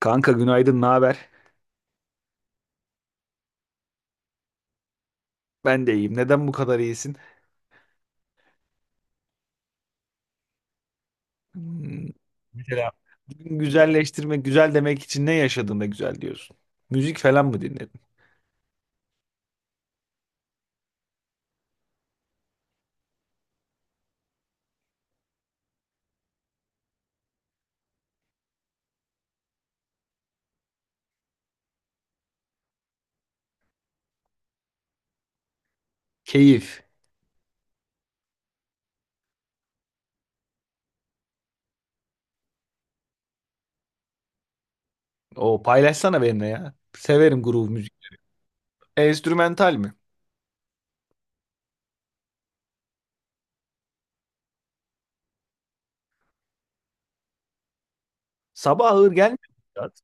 Kanka günaydın, ne haber? Ben de iyiyim. Neden bu kadar iyisin? Hmm, Mesela bugün güzelleştirmek, güzel demek için ne yaşadığında güzel diyorsun? Müzik falan mı dinledin? Keyif. O paylaşsana benimle ya. Severim groove müzik. Enstrümental mi? Sabah ağır gelmiyor mu Sedat?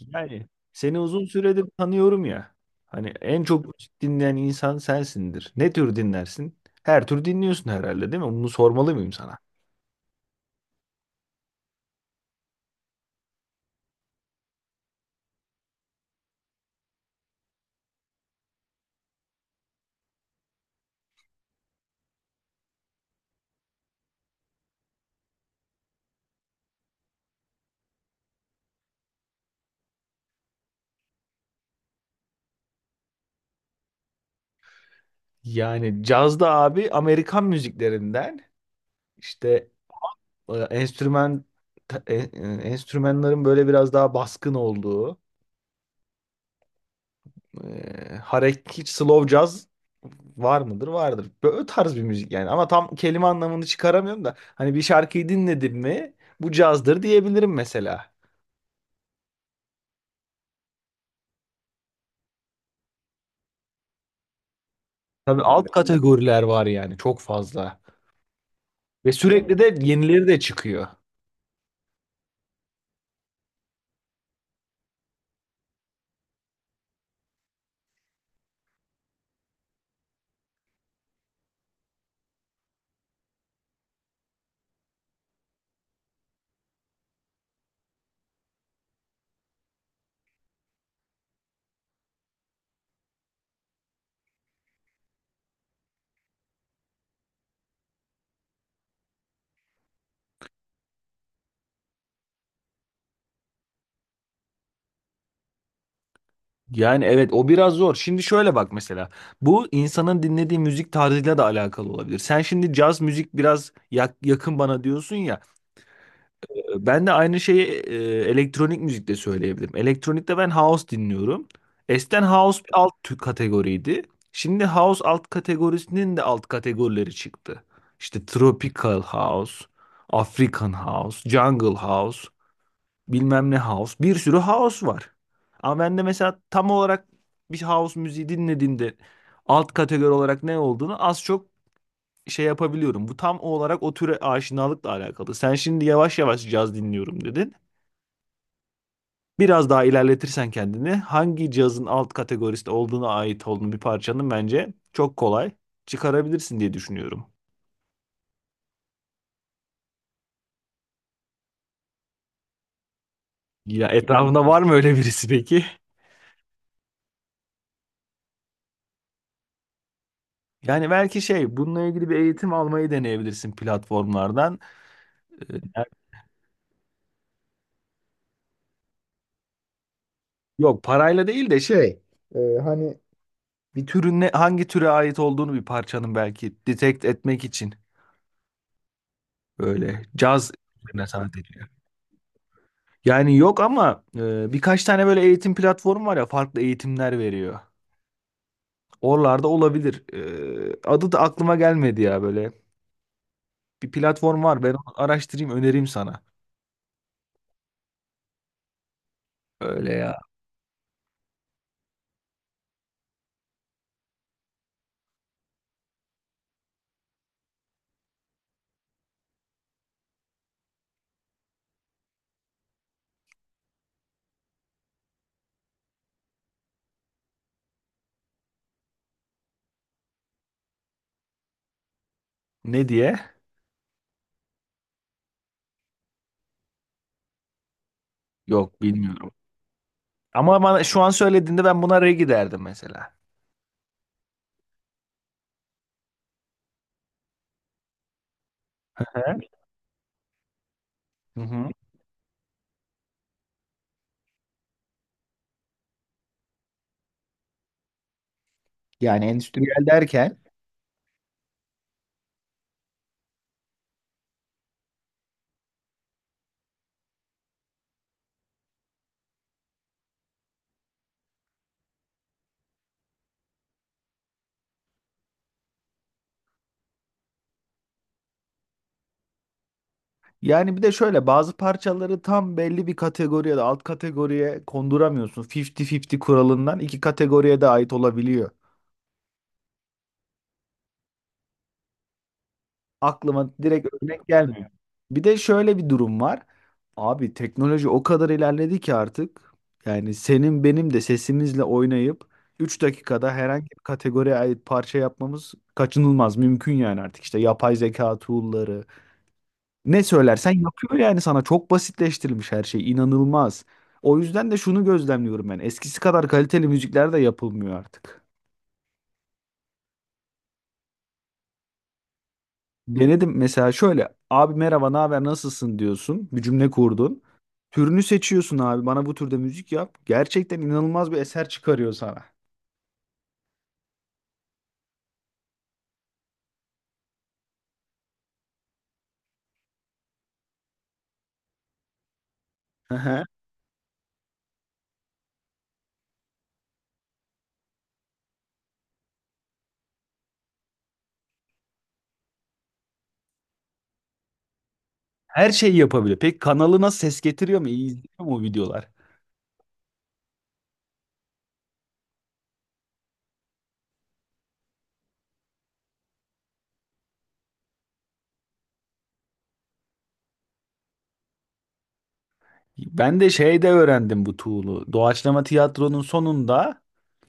Yani seni uzun süredir tanıyorum ya. Hani en çok müzik dinleyen insan sensindir. Ne tür dinlersin? Her tür dinliyorsun herhalde değil mi? Bunu sormalı mıyım sana? Yani cazda abi Amerikan müziklerinden İşte e, enstrüman ta- e, e, enstrümanların böyle biraz daha baskın olduğu hareket hiç slow jazz var mıdır? Vardır. Böyle tarz bir müzik yani ama tam kelime anlamını çıkaramıyorum da hani bir şarkıyı dinledim mi bu cazdır diyebilirim mesela. Tabii alt kategoriler var yani çok fazla ve sürekli de yenileri de çıkıyor. Yani evet o biraz zor. Şimdi şöyle bak mesela. Bu insanın dinlediği müzik tarzıyla da alakalı olabilir. Sen şimdi caz müzik biraz yakın bana diyorsun ya. Ben de aynı şeyi elektronik müzikte söyleyebilirim. Elektronikte ben house dinliyorum. Eskiden house bir alt kategoriydi. Şimdi house alt kategorisinin de alt kategorileri çıktı. İşte tropical house, African house, jungle house bilmem ne house. Bir sürü house var. Ama ben de mesela tam olarak bir house müziği dinlediğimde alt kategori olarak ne olduğunu az çok şey yapabiliyorum. Bu tam olarak o türe aşinalıkla alakalı. Sen şimdi yavaş yavaş caz dinliyorum dedin. Biraz daha ilerletirsen kendini hangi cazın alt kategorisinde olduğuna ait olduğunu bir parçanın bence çok kolay çıkarabilirsin diye düşünüyorum. Ya etrafında var mı öyle birisi peki? Yani belki şey bununla ilgili bir eğitim almayı deneyebilirsin platformlardan. Yok parayla değil de şey hani bir türün ne, hangi türe ait olduğunu bir parçanın belki detect etmek için böyle caz üzerine sanat ediliyor. Yani yok ama birkaç tane böyle eğitim platformu var ya farklı eğitimler veriyor. Oralarda olabilir. Adı da aklıma gelmedi ya böyle. Bir platform var ben onu araştırayım önereyim sana. Öyle ya. Ne diye? Yok bilmiyorum. Ama bana şu an söylediğinde ben buna regi derdim mesela. Hı hı. Yani endüstriyel derken yani bir de şöyle bazı parçaları tam belli bir kategoriye de alt kategoriye konduramıyorsun. 50-50 kuralından iki kategoriye de ait olabiliyor. Aklıma direkt örnek gelmiyor. Bir de şöyle bir durum var. Abi teknoloji o kadar ilerledi ki artık yani senin benim de sesimizle oynayıp 3 dakikada herhangi bir kategoriye ait parça yapmamız kaçınılmaz mümkün yani artık işte yapay zeka tool'ları ne söylersen yapıyor yani sana çok basitleştirilmiş her şey inanılmaz. O yüzden de şunu gözlemliyorum ben. Eskisi kadar kaliteli müzikler de yapılmıyor artık. Denedim mesela şöyle abi merhaba ne haber nasılsın diyorsun bir cümle kurdun. Türünü seçiyorsun abi bana bu türde müzik yap. Gerçekten inanılmaz bir eser çıkarıyor sana. Hı hı. Her şeyi yapabiliyor. Peki kanalına ses getiriyor mu? İyi izliyor mu o videolar? Ben de şeyde öğrendim bu tool'u. Doğaçlama tiyatronun sonunda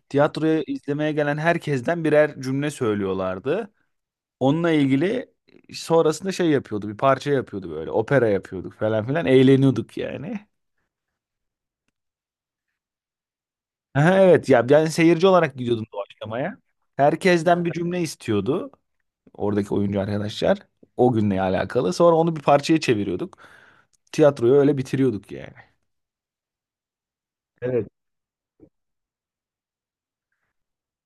tiyatroya izlemeye gelen herkesten birer cümle söylüyorlardı. Onunla ilgili sonrasında şey yapıyordu, bir parça yapıyordu böyle, opera yapıyorduk falan filan, eğleniyorduk yani. Aha, evet ya ben seyirci olarak gidiyordum doğaçlamaya. Herkesten bir cümle istiyordu oradaki oyuncu arkadaşlar. O günle alakalı. Sonra onu bir parçaya çeviriyorduk. Tiyatroyu öyle bitiriyorduk yani. Evet.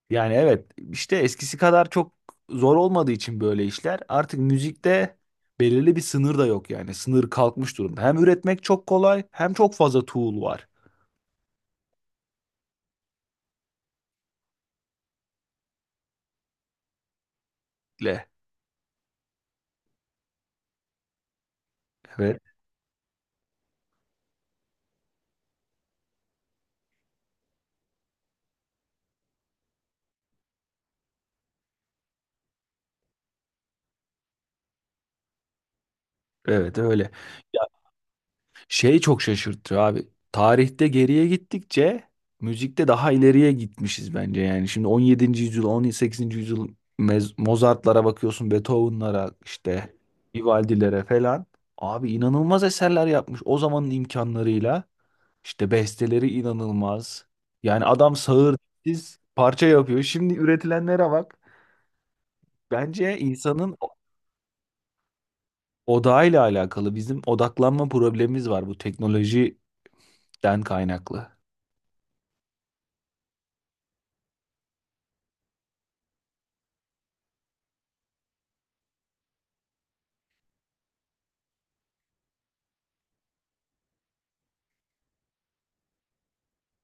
Yani evet işte eskisi kadar çok zor olmadığı için böyle işler artık müzikte belirli bir sınır da yok yani sınır kalkmış durumda. Hem üretmek çok kolay hem çok fazla tool var. Le. Evet evet öyle. Ya şey çok şaşırtıyor abi tarihte geriye gittikçe müzikte daha ileriye gitmişiz bence yani. Şimdi 17. yüzyıl 18. yüzyıl Mozart'lara bakıyorsun Beethoven'lara işte Vivaldi'lere falan. Abi inanılmaz eserler yapmış o zamanın imkanlarıyla. İşte besteleri inanılmaz. Yani adam sağır siz parça yapıyor. Şimdi üretilenlere bak. Bence insanın odağıyla alakalı. Bizim odaklanma problemimiz var bu teknolojiden kaynaklı.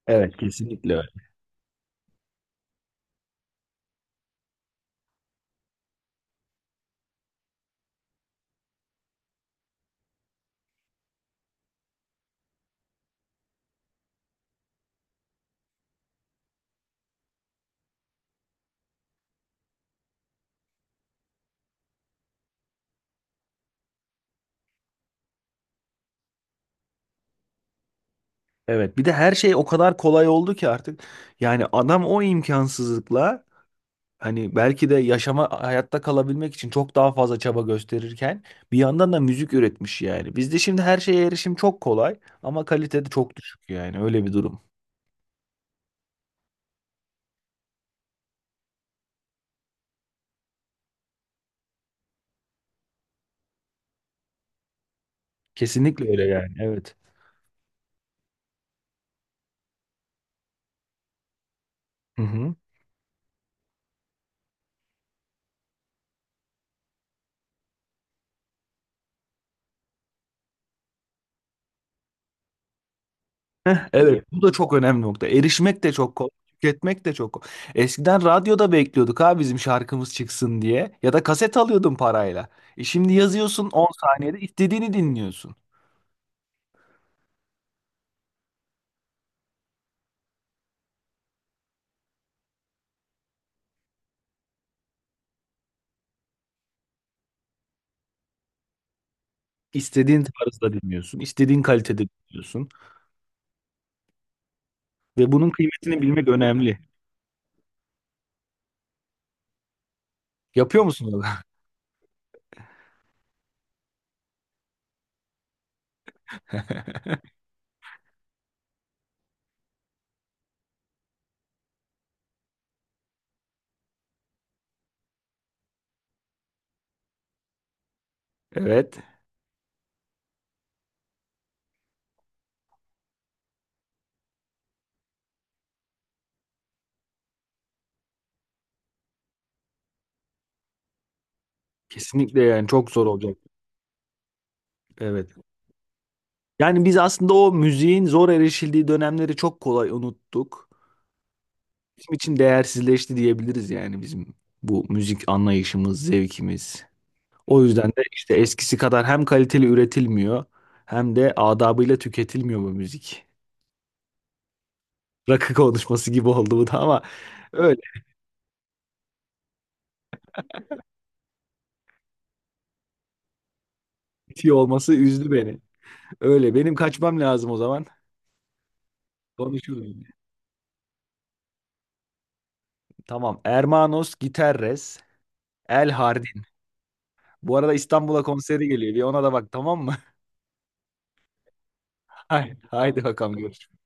Evet, kesinlikle öyle. Evet, bir de her şey o kadar kolay oldu ki artık. Yani adam o imkansızlıkla hani belki de yaşama hayatta kalabilmek için çok daha fazla çaba gösterirken bir yandan da müzik üretmiş yani. Bizde şimdi her şeye erişim çok kolay ama kalitede çok düşük yani öyle bir durum. Kesinlikle öyle yani. Evet. Hı hı. Heh, evet. Bu da çok önemli nokta. Erişmek de çok kolay. Tüketmek de çok kolay. Eskiden radyoda bekliyorduk ha bizim şarkımız çıksın diye. Ya da kaset alıyordun parayla. E şimdi yazıyorsun 10 saniyede istediğini dinliyorsun. İstediğin tarzda dinliyorsun. İstediğin kalitede dinliyorsun. Ve bunun kıymetini bilmek önemli. Yapıyor musun onu? Evet. Kesinlikle yani çok zor olacak. Evet. Yani biz aslında o müziğin zor erişildiği dönemleri çok kolay unuttuk. Bizim için değersizleşti diyebiliriz yani bizim bu müzik anlayışımız, zevkimiz. O yüzden de işte eskisi kadar hem kaliteli üretilmiyor hem de adabıyla tüketilmiyor bu müzik. Rakı konuşması gibi oldu bu da ama öyle bitiyor olması üzdü beni. Öyle benim kaçmam lazım o zaman. Konuşuruz yine. Tamam. Hermanos Gitarres El Hardin. Bu arada İstanbul'a konseri geliyor. Bir ona da bak tamam mı? Haydi, haydi bakalım görüşürüz.